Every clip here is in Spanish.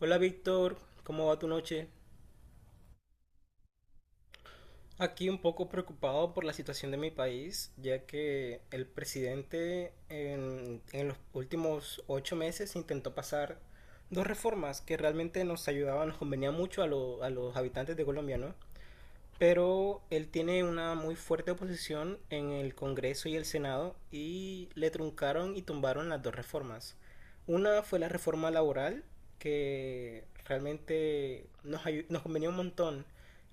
Hola Víctor, ¿cómo va tu noche? Aquí un poco preocupado por la situación de mi país, ya que el presidente en los últimos 8 meses intentó pasar dos reformas que realmente nos ayudaban, nos convenía mucho a los habitantes de Colombia, ¿no? Pero él tiene una muy fuerte oposición en el Congreso y el Senado y le truncaron y tumbaron las dos reformas. Una fue la reforma laboral, que realmente nos convenía un montón.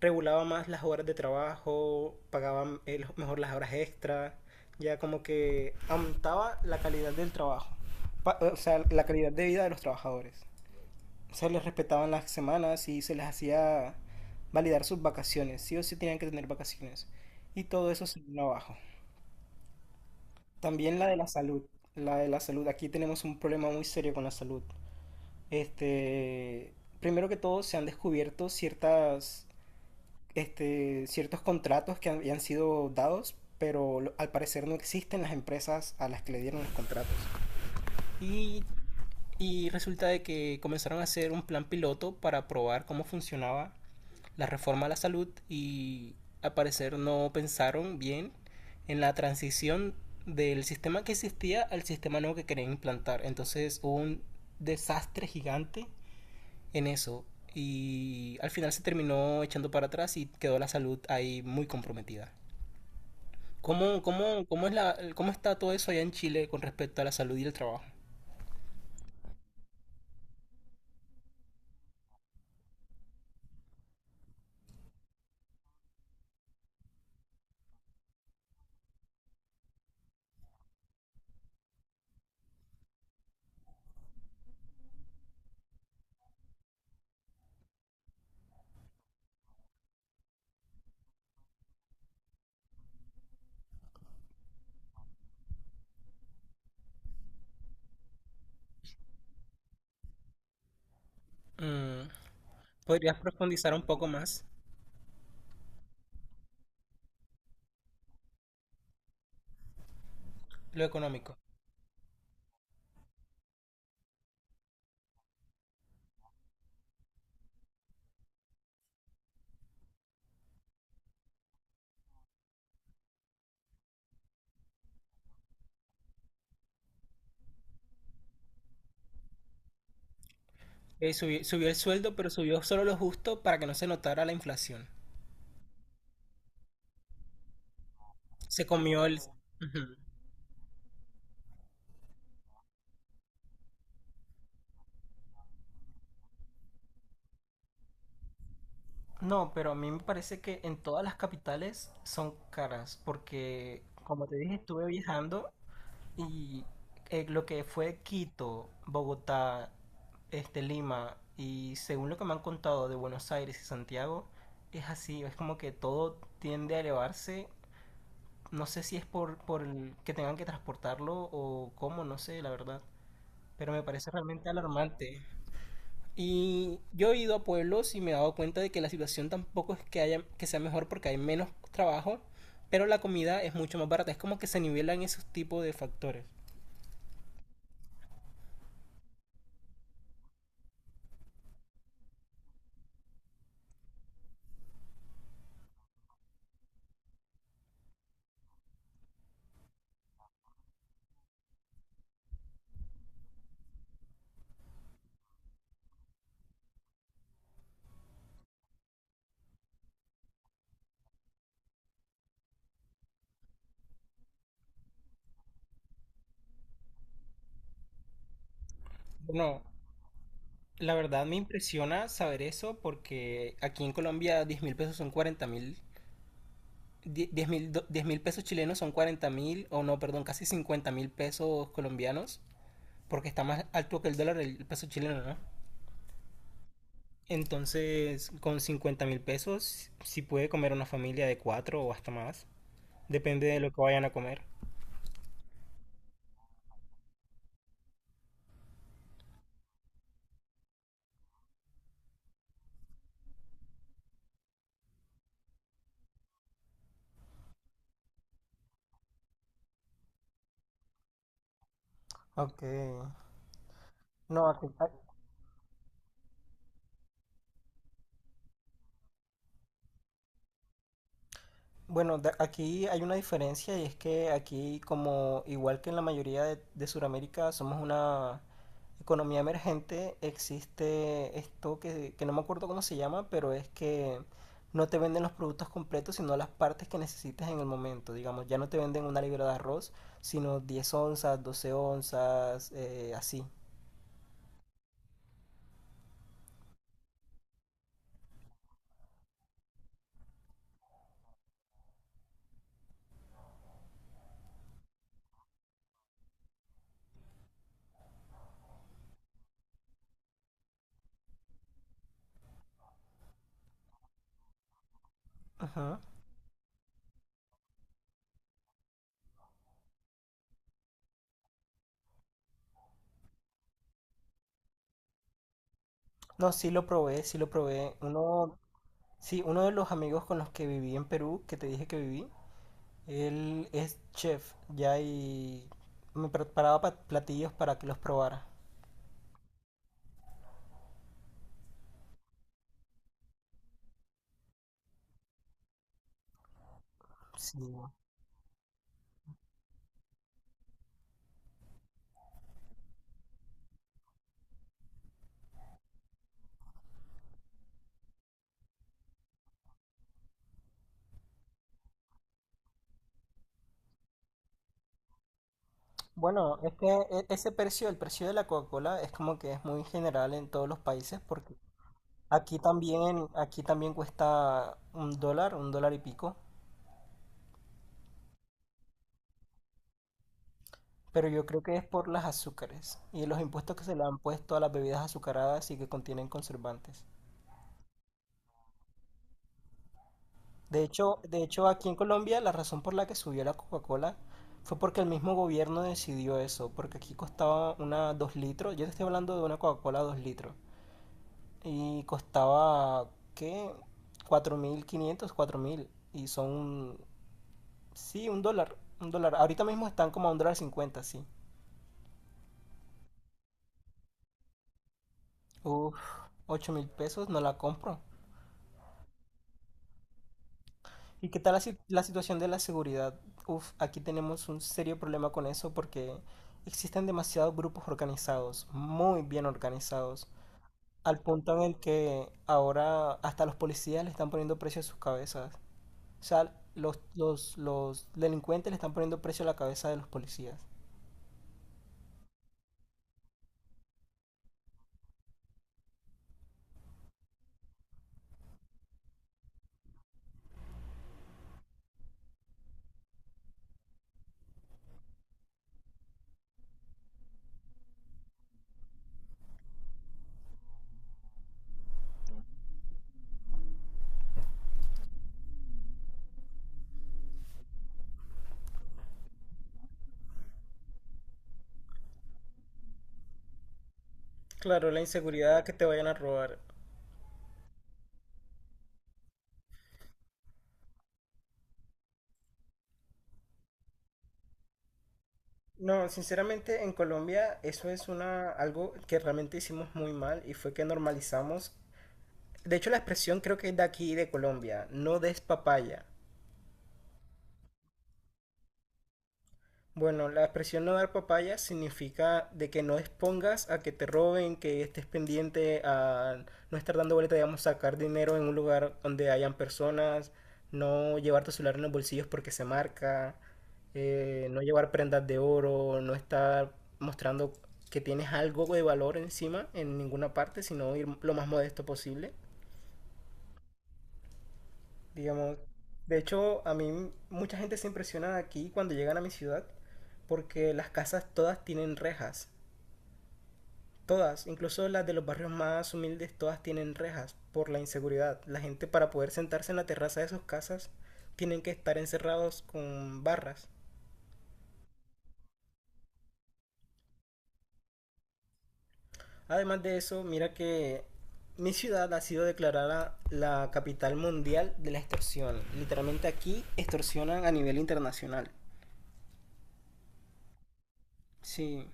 Regulaba más las horas de trabajo, pagaba mejor las horas extras, ya como que aumentaba la calidad del trabajo. O sea, la calidad de vida de los trabajadores se les respetaban las semanas y se les hacía validar sus vacaciones, sí o sí tenían que tener vacaciones. Y todo eso se vino abajo. También la de la salud, aquí tenemos un problema muy serio con la salud. Este, Primero que todo se han descubierto ciertos contratos que habían sido dados, pero al parecer no existen las empresas a las que le dieron los contratos. Y, y resulta de que comenzaron a hacer un plan piloto para probar cómo funcionaba la reforma a la salud y al parecer no pensaron bien en la transición del sistema que existía al sistema nuevo que querían implantar. Entonces hubo un desastre gigante en eso y al final se terminó echando para atrás y quedó la salud ahí muy comprometida. ¿Cómo está todo eso allá en Chile con respecto a la salud y el trabajo? Mm. ¿Podrías profundizar un poco más lo económico? Subió el sueldo, pero subió solo lo justo para que no se notara la inflación. Se comió el... Ujú. No, pero a mí me parece que en todas las capitales son caras, porque como te dije, estuve viajando y lo que fue Quito, Bogotá, este, Lima, y según lo que me han contado de Buenos Aires y Santiago, es así, es como que todo tiende a elevarse. No sé si es por el que tengan que transportarlo o cómo, no sé, la verdad. Pero me parece realmente alarmante. Y yo he ido a pueblos y me he dado cuenta de que la situación tampoco es que haya que sea mejor porque hay menos trabajo, pero la comida es mucho más barata. Es como que se nivelan esos tipos de factores. Bueno, la verdad me impresiona saber eso porque aquí en Colombia 10.000 pesos son 40.000. Diez mil pesos chilenos son 40.000, o no, perdón, casi 50.000 pesos colombianos, porque está más alto que el dólar el peso chileno, ¿no? Entonces, con 50.000 pesos, si puede comer una familia de cuatro o hasta más. Depende de lo que vayan a comer. Ok. No, aquí, bueno, aquí hay una diferencia y es que aquí, como igual que en la mayoría de Sudamérica, somos una economía emergente, existe esto que no me acuerdo cómo se llama, pero es que no te venden los productos completos, sino las partes que necesitas en el momento. Digamos, ya no te venden una libra de arroz, sino 10 onzas, 12 onzas, así. Ajá. No, sí lo probé, sí lo probé. Uno, sí, uno de los amigos con los que viví en Perú, que te dije que viví, él es chef ya y me preparaba platillos para que los probara. Sí. Bueno, es que ese precio, el precio de la Coca-Cola es como que es muy general en todos los países porque aquí también cuesta un dólar y pico, pero yo creo que es por las azúcares y los impuestos que se le han puesto a las bebidas azucaradas y que contienen conservantes. De hecho, aquí en Colombia la razón por la que subió la Coca-Cola fue porque el mismo gobierno decidió eso, porque aquí costaba una 2 litros, yo te estoy hablando de una Coca-Cola 2 litros, y costaba, ¿qué? 4.500, 4.000 y son, sí, un dólar, un dólar. Ahorita mismo están como a un dólar cincuenta, sí. Uf, 8.000 pesos, no la compro. ¿Y qué tal la, la situación de la seguridad? Uf, aquí tenemos un serio problema con eso porque existen demasiados grupos organizados, muy bien organizados, al punto en el que ahora hasta los policías le están poniendo precio a sus cabezas. O sea, los delincuentes le están poniendo precio a la cabeza de los policías. Claro, la inseguridad que te vayan a robar. No, sinceramente en Colombia eso es una algo que realmente hicimos muy mal y fue que normalizamos. De hecho, la expresión creo que es de aquí, de Colombia. No des papaya. Bueno, la expresión no dar papaya significa de que no expongas a que te roben, que estés pendiente a no estar dando vuelta, digamos, sacar dinero en un lugar donde hayan personas, no llevar tu celular en los bolsillos porque se marca, no llevar prendas de oro, no estar mostrando que tienes algo de valor encima en ninguna parte, sino ir lo más modesto posible, digamos. De hecho, a mí mucha gente se impresiona aquí cuando llegan a mi ciudad porque las casas todas tienen rejas. Todas, incluso las de los barrios más humildes, todas tienen rejas por la inseguridad. La gente para poder sentarse en la terraza de sus casas tienen que estar encerrados con barras. Además de eso, mira que mi ciudad ha sido declarada la capital mundial de la extorsión. Literalmente aquí extorsionan a nivel internacional. Sí.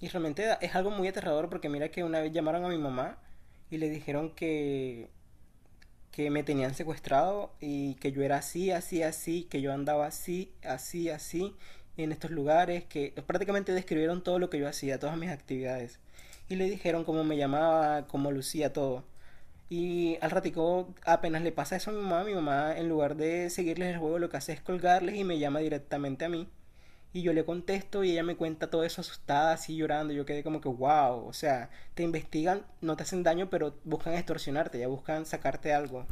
Y realmente es algo muy aterrador porque mira que una vez llamaron a mi mamá y le dijeron que me tenían secuestrado y que yo era así, así, así, que yo andaba así, así, así, en estos lugares, que prácticamente describieron todo lo que yo hacía, todas mis actividades. Y le dijeron cómo me llamaba, cómo lucía todo. Y al ratico apenas le pasa eso a mi mamá en lugar de seguirles el juego lo que hace es colgarles y me llama directamente a mí. Y yo le contesto y ella me cuenta todo eso asustada, así llorando. Yo quedé como que, wow, o sea, te investigan, no te hacen daño, pero buscan extorsionarte, ya buscan sacarte algo.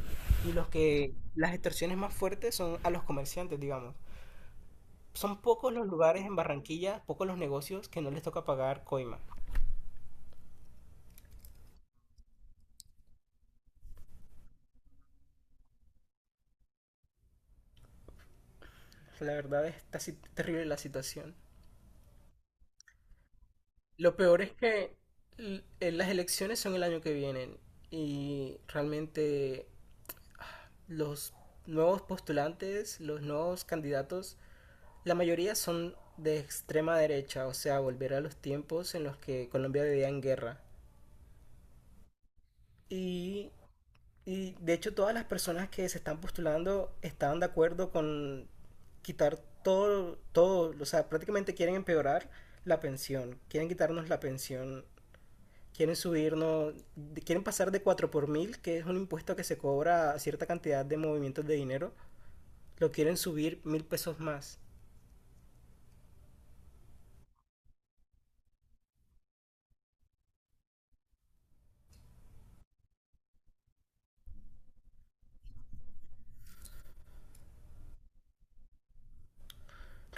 Y los que las extorsiones más fuertes son a los comerciantes, digamos. Son pocos los lugares en Barranquilla, pocos los negocios que no les toca pagar coima. La verdad está así terrible la situación. Lo peor es que las elecciones son el año que viene y realmente los nuevos postulantes, los nuevos candidatos, la mayoría son de extrema derecha, o sea, volver a los tiempos en los que Colombia vivía en guerra. Y, y de hecho todas las personas que se están postulando estaban de acuerdo con quitar todo, todo, o sea, prácticamente quieren empeorar la pensión, quieren quitarnos la pensión, quieren subirnos, quieren pasar de 4 por mil, que es un impuesto que se cobra a cierta cantidad de movimientos de dinero, lo quieren subir 1.000 pesos más.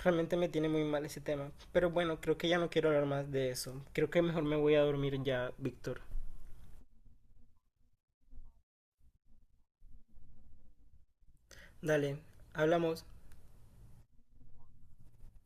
Realmente me tiene muy mal ese tema. Pero bueno, creo que ya no quiero hablar más de eso. Creo que mejor me voy a dormir ya, Víctor. Dale, hablamos.